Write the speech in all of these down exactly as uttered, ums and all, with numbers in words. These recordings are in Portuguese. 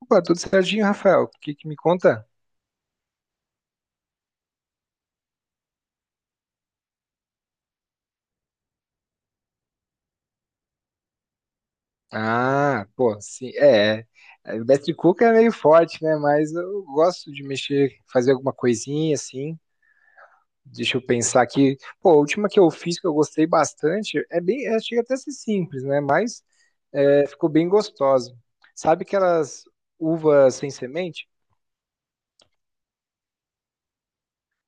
Opa, tudo certinho, Rafael? O que que me conta? Ah, pô, sim, é. é, Betty Cook é meio forte, né? Mas eu gosto de mexer, fazer alguma coisinha assim. Deixa eu pensar aqui. Pô, a última que eu fiz que eu gostei bastante é bem, é, chega até a ser simples, né? Mas é, ficou bem gostosa. Sabe aquelas uvas sem semente?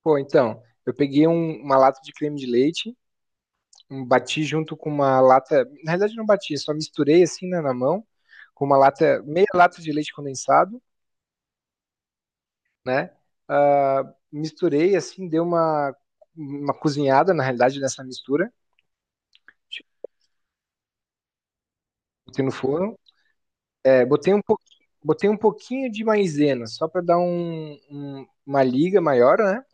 Pô, então, eu peguei um- uma lata de creme de leite. Um- bati junto com uma lata, na realidade não bati, só misturei assim né, na mão, com uma lata, meia lata de leite condensado, né? Ah, misturei assim, deu uma, uma cozinhada na realidade nessa mistura, tipo, botei no forno. É, botei um pouquinho, botei um pouquinho de maisena, só para dar um, um- uma liga maior, né?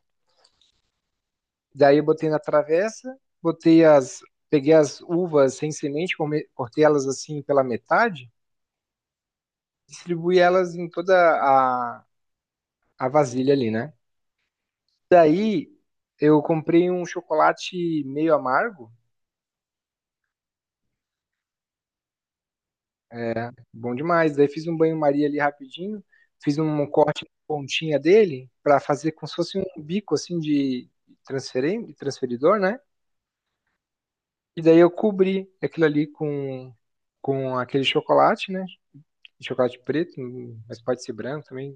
Daí eu botei na travessa, botei as, peguei as uvas sem semente, come- cortei elas assim pela metade, distribuí elas em toda a vasilha ali, né? Daí eu comprei um chocolate meio amargo, é, bom demais. Daí fiz um banho-maria ali rapidinho, fiz um corte na pontinha dele para fazer como se fosse um bico assim de transferen- de transferidor, né? E daí eu cobri aquilo ali com, com aquele chocolate, né? Chocolate preto, mas pode ser branco também,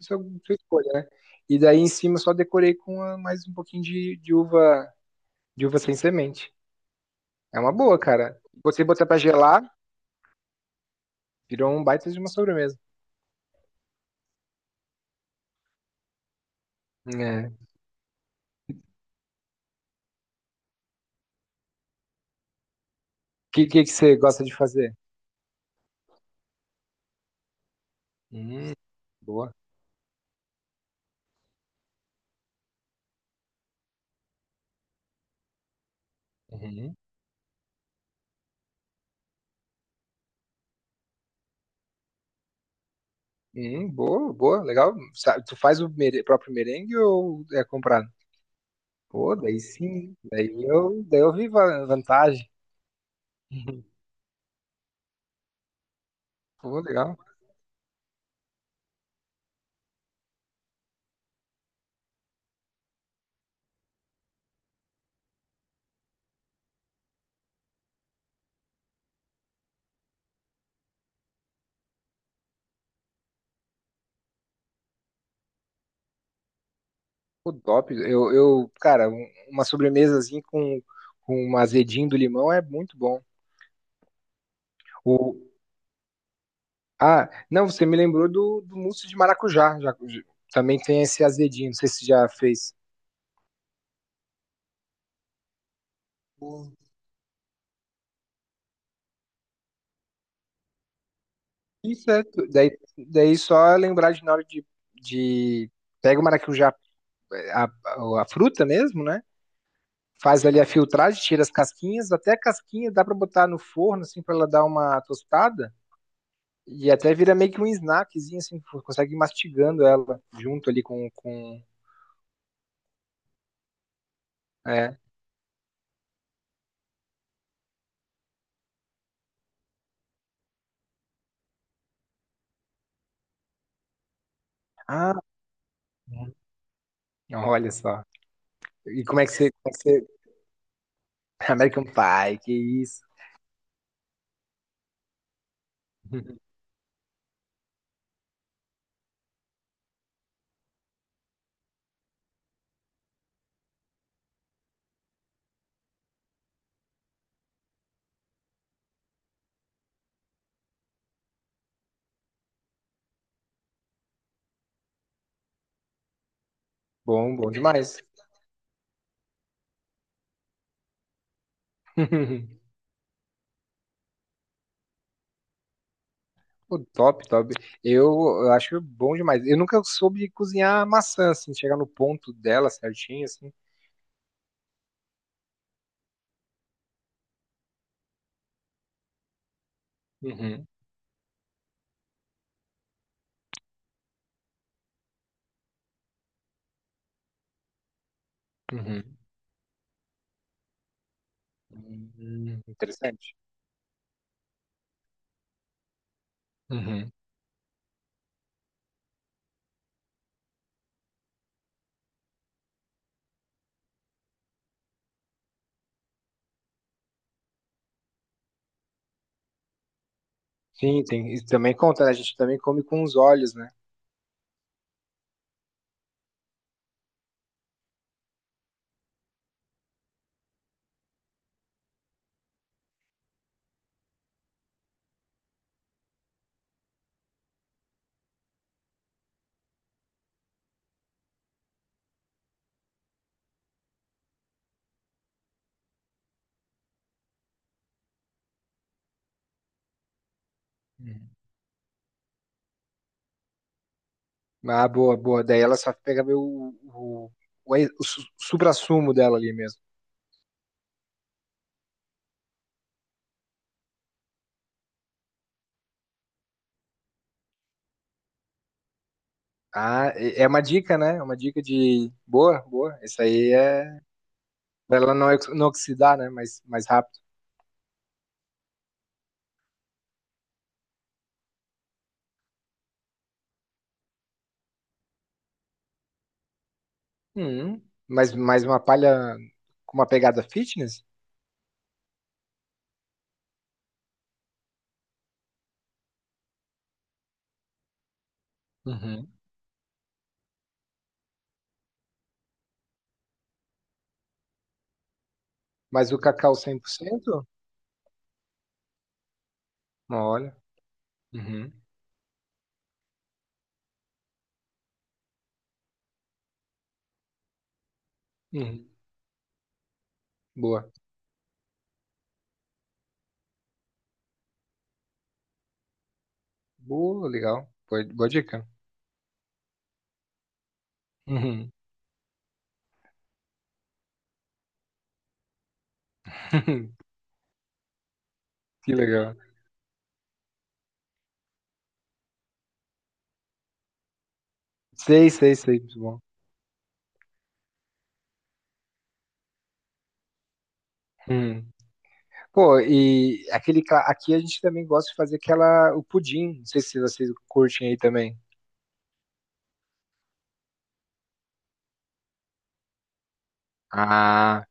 isso é sua escolha, né? E daí em cima eu só decorei com a- mais um pouquinho de, de uva, de uva sem semente. É uma boa, cara. Você botar pra gelar, virou um baita de uma sobremesa. É. O que, que que você gosta de fazer? Hum, boa. Uhum. Hum, boa, boa, legal. Sa- Tu faz o mere- próprio merengue ou é comprado? Pô, daí sim. Daí eu, daí eu vi va- vantagem. Uhum. Pô, legal. Pô, top. Eu, eu, cara, um- uma sobremesazinha com, com um azedinho do limão é muito bom. Ah, não, você me lembrou do, do mousse de maracujá. Já, já- também tem esse azedinho, não sei se você já fez. Isso é, tu- daí, daí só lembrar de na hora de, de pega o maracujá, a, a, a fruta mesmo, né? Faz ali a filtragem, tira as casquinhas, até a casquinha dá pra botar no forno, assim, pra ela dar uma tostada. E até vira meio que um snackzinho, assim, tu consegue ir mastigando ela junto ali com, com, é. Ah, olha só. E como é que você, American Pie, que isso. Bom, bom demais. Pô, top, top. Eu, eu acho bom demais. Eu nunca soube cozinhar maçã, assim, chegar no ponto dela certinho, assim. Uhum, uhum. Hum, interessante. Uhum. Sim, tem, isso também conta, né? A gente também come com os olhos, né? Uhum. Ah, boa, boa. Daí ela só pega o, o, o, ex- o su- suprassumo dela ali mesmo. Ah, é é uma dica, né? É uma dica de. Boa, boa. Isso aí é. Pra ela não, ex- não oxidar, né? Mais, mais rápido. Hum, mas mais uma palha com uma pegada fitness? Uhum. Mas o cacau cem por cento? Olha. Uhum. Uhum. Boa. Boa, legal. Boa, boa dica. Uhum. Que legal. Sei, sei, sei. Muito bom. Uhum. Pô, e aquele, ca- aqui a gente também gosta de fazer aquela, o pudim. Não sei se vocês curtem aí também. Ah,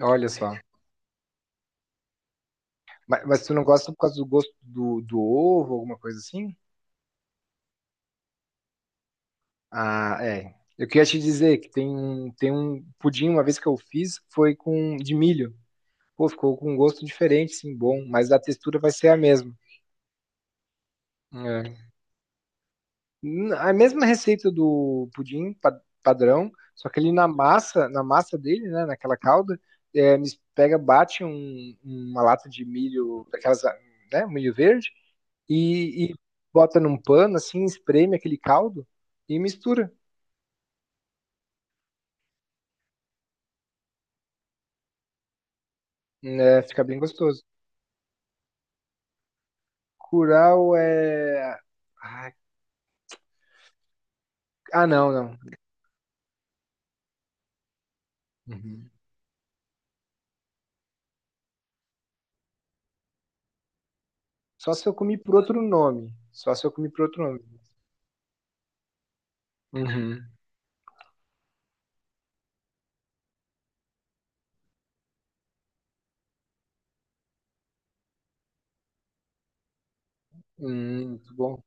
olha só. Mas, mas tu não gosta por causa do gosto do, do ovo, alguma coisa assim? Ah, é. Eu queria te dizer que tem um, tem um pudim, uma vez que eu fiz, foi com de milho. Pô, ficou com um gosto diferente, sim, bom, mas a textura vai ser a mesma. É. N- A mesma receita do pudim pa- padrão, só que ele na massa, na massa dele, né, naquela calda, é, mis- pega, bate um- uma lata de milho, daquelas, né, um milho verde, e, e bota num pano, assim, espreme aquele caldo e mistura. Né, fica bem gostoso. Curau é. Ah, ah, não, não. Uhum. Só se eu comi por outro nome. Só se eu comi por outro nome. Uhum. Hum, muito bom.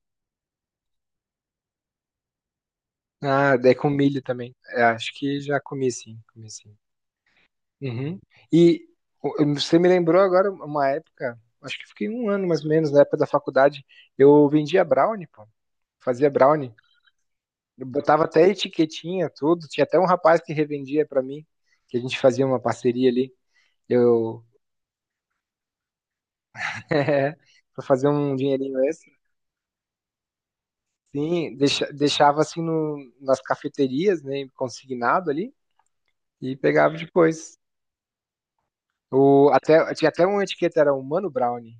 Ah, é com milho também. É, acho que já comi sim, comi sim. Uhum. E o- você me lembrou agora uma época, acho que fiquei um ano mais ou menos, na época da faculdade, eu vendia brownie, pô. Fazia brownie. Eu botava até etiquetinha, tudo. Tinha até um rapaz que revendia pra mim, que a gente fazia uma parceria ali. Eu é, para fazer um dinheirinho extra. Sim, deixa- deixava assim no, nas cafeterias, né, consignado ali e pegava depois. O, até, tinha até uma etiqueta, era Humano Brownie.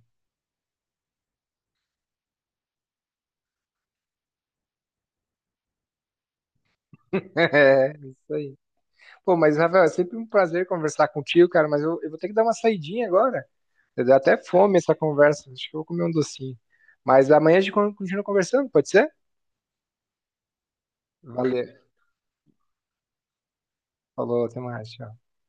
É, isso aí. Pô, mas Rafael, é sempre um prazer conversar contigo, cara, mas eu, eu vou ter que dar uma saidinha agora. Eu dei até fome essa conversa, acho que eu vou comer um docinho. Mas amanhã a gente con- continua conversando, pode ser? Valeu. Falou, até mais, tchau.